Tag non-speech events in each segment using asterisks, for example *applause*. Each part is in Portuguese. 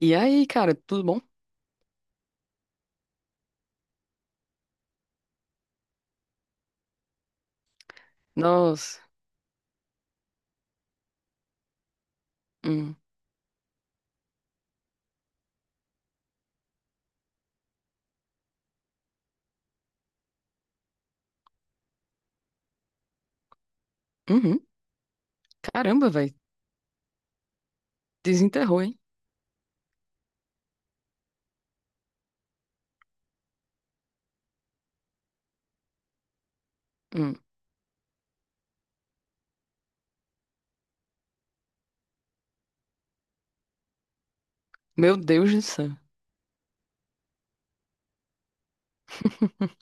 E aí, cara, tudo bom? Nossa. Hum. Uhum. Caramba, velho. Desenterrou, hein? Hum. Meu Deus do céu. *laughs*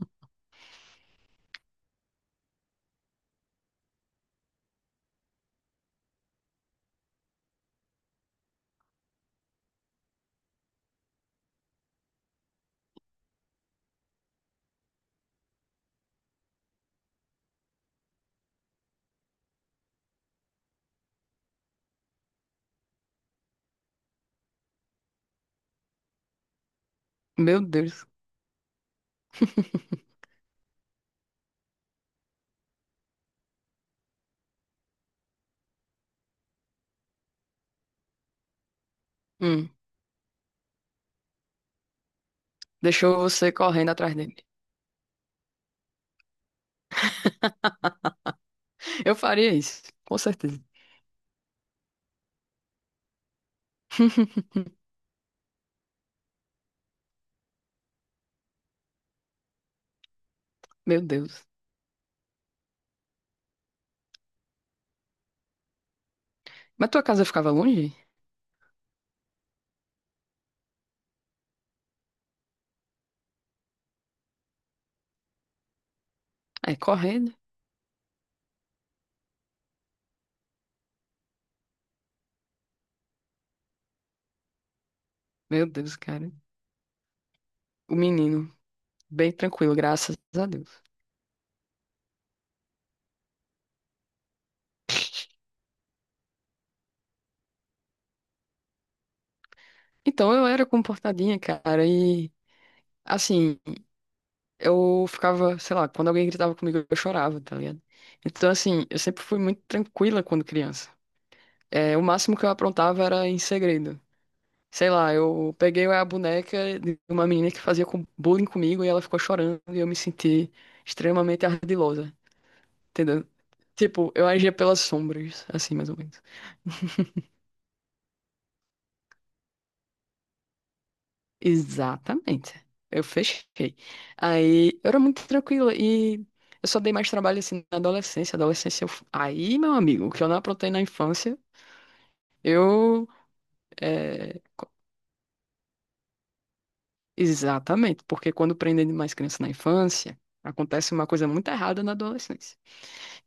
Meu Deus. Hum. Deixou você correndo atrás dele. *laughs* Eu faria isso, com certeza. *laughs* Meu Deus. Mas tua casa ficava longe? Aí, correndo. Meu Deus, cara. O menino, bem tranquilo, graças a Deus. Então eu era comportadinha, cara, e assim. Eu ficava, sei lá, quando alguém gritava comigo, eu chorava, tá ligado? Então, assim, eu sempre fui muito tranquila quando criança. É, o máximo que eu aprontava era em segredo. Sei lá, eu peguei a boneca de uma menina que bullying comigo e ela ficou chorando e eu me senti extremamente ardilosa, entendeu? Tipo, eu agia pelas sombras, assim, mais ou menos. Exatamente. Eu fechei. Aí eu era muito tranquila e eu só dei mais trabalho assim na adolescência. Adolescência, eu... f- aí, meu amigo, o que eu não aprontei na infância, eu. é, Exatamente, porque quando prendem demais criança na infância, acontece uma coisa muito errada na adolescência.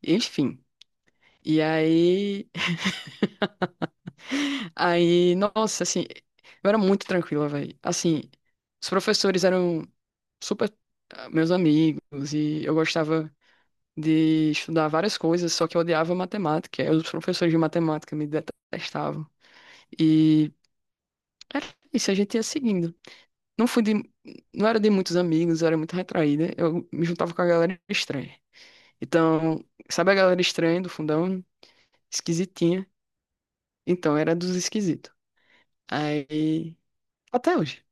Enfim. E aí. *laughs* Aí, nossa, assim, eu era muito tranquila, velho. Assim, os professores eram super meus amigos e eu gostava de estudar várias coisas, só que eu odiava matemática. Aí os professores de matemática me detestavam. E era isso, a gente ia seguindo. Não fui de, não era de muitos amigos, eu era muito retraída. Eu me juntava com a galera estranha. Então, sabe a galera estranha do fundão? Esquisitinha. Então, era dos esquisitos. Aí, até hoje.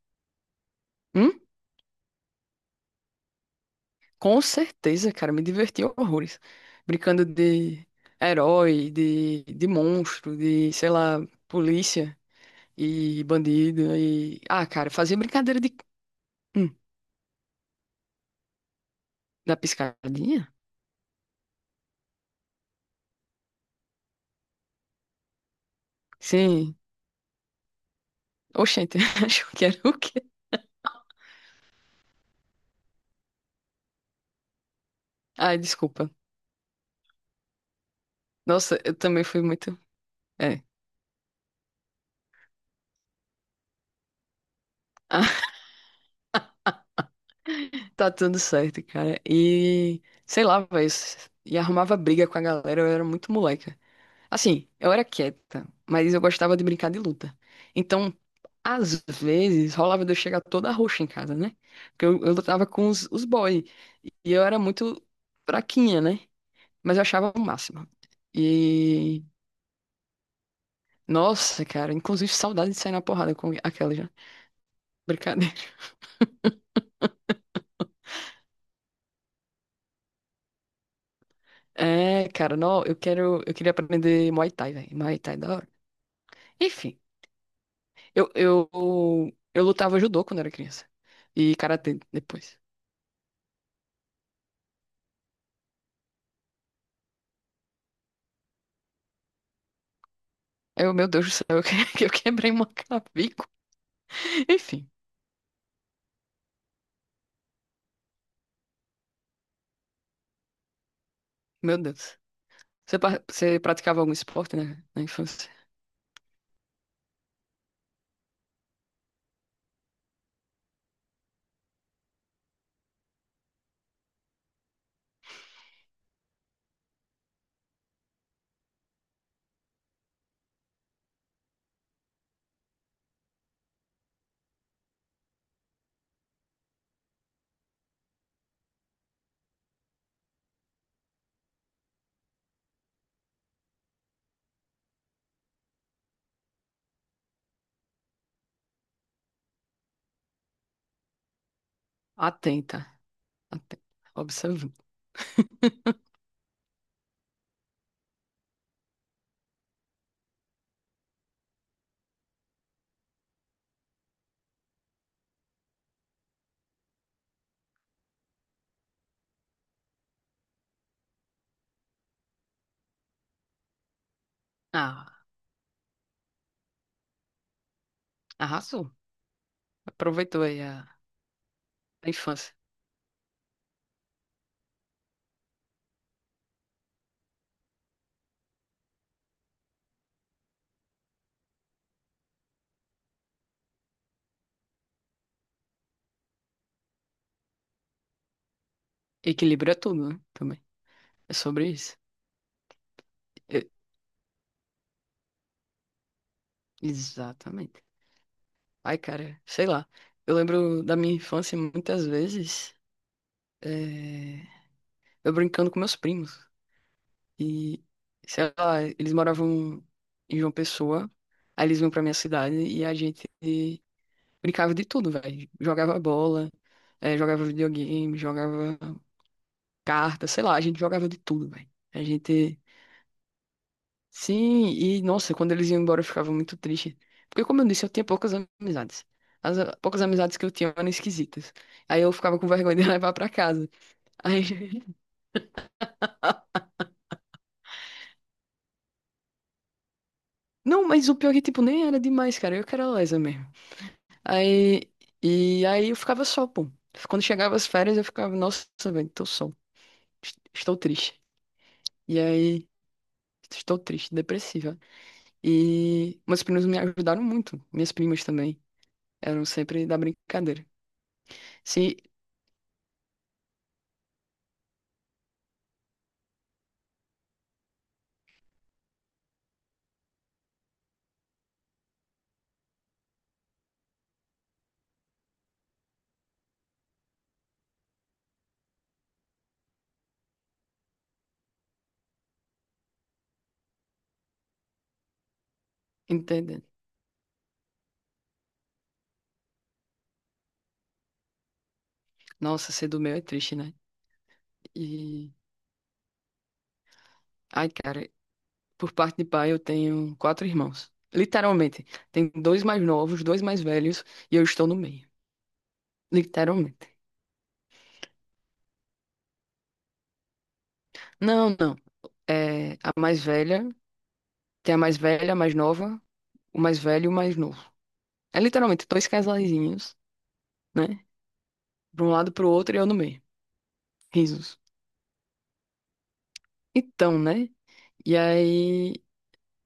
Hum? Com certeza, cara, me diverti horrores. Brincando de herói, de monstro, de, sei lá, polícia e bandido e cara, fazia brincadeira de hum, da piscadinha? Sim. Oxente, *laughs* acho que era o quê? Ai, desculpa. Nossa, eu também fui muito. É. Ah, *laughs* tá tudo certo, cara. E sei lá, velho. E arrumava briga com a galera, eu era muito moleca. Assim, eu era quieta, mas eu gostava de brincar de luta. Então, às vezes, rolava de eu chegar toda roxa em casa, né? Porque eu lutava com os boys. E eu era muito fraquinha, né? Mas eu achava o máximo. E. Nossa, cara, inclusive saudade de sair na porrada com aquela já. Brincadeira. É, cara, não, eu quero. Eu queria aprender Muay Thai, velho. Muay Thai é da hora. Enfim, eu, eu, eu lutava judô quando era criança. E karatê depois. Aí eu, meu Deus do céu, *laughs* eu quebrei uma clavícula. Enfim, meu Deus. Você praticava algum esporte na, na infância? Atenta, atenta. Observando. Ah, arrasou. Aproveitou aí a infância. Equilíbrio é tudo, né? Também. É sobre isso. Eu- Exatamente. Ai, cara, sei lá. Eu lembro da minha infância muitas vezes, eh, eu brincando com meus primos. E, sei lá, eles moravam em João Pessoa, aí eles vinham pra minha cidade e a gente brincava de tudo, velho. Jogava bola, jogava videogame, jogava carta, sei lá, a gente jogava de tudo, velho. A gente. Sim, e nossa, quando eles iam embora eu ficava muito triste. Porque, como eu disse, eu tinha poucas amizades. As poucas amizades que eu tinha eram esquisitas. Aí eu ficava com vergonha de *laughs* levar pra casa. Aí... Não, mas o pior é que, tipo, nem era demais, cara. Eu que era lesa mesmo. Aí... E aí eu ficava só, pô. Quando chegava as férias, eu ficava, nossa, velho, tô só. Estou triste. E aí, estou triste, depressiva. E meus primos me ajudaram muito. Minhas primas também. Eram sempre da brincadeira. Se entende? Nossa, ser do meu é triste, né? E. Ai, cara, por parte de pai eu tenho quatro irmãos. Literalmente. Tem dois mais novos, dois mais velhos e eu estou no meio. Literalmente. Não, não. É a mais velha, tem a mais velha, a mais nova, o mais velho e o mais novo. É literalmente dois casalzinhos, né? De um lado pro outro e eu no meio. Risos. Então, né? E aí.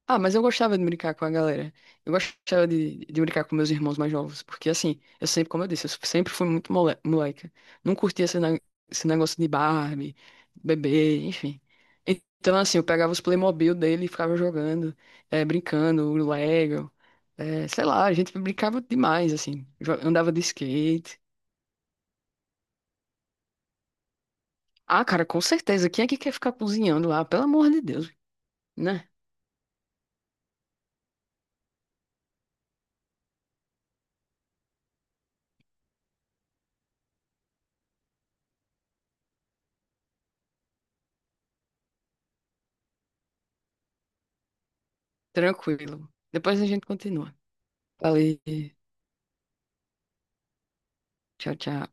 Ah, mas eu gostava de brincar com a galera. Eu gostava de brincar com meus irmãos mais novos. Porque, assim, eu sempre, como eu disse, eu sempre fui muito moleca. Não curtia esse negócio de Barbie, bebê, enfim. Então, assim, eu pegava os Playmobil dele e ficava jogando, brincando, o Lego. Sei lá, a gente brincava demais, assim. Andava de skate. Ah, cara, com certeza. Quem é que quer ficar cozinhando lá? Pelo amor de Deus, né? Tranquilo. Depois a gente continua. Falei. Tchau, tchau.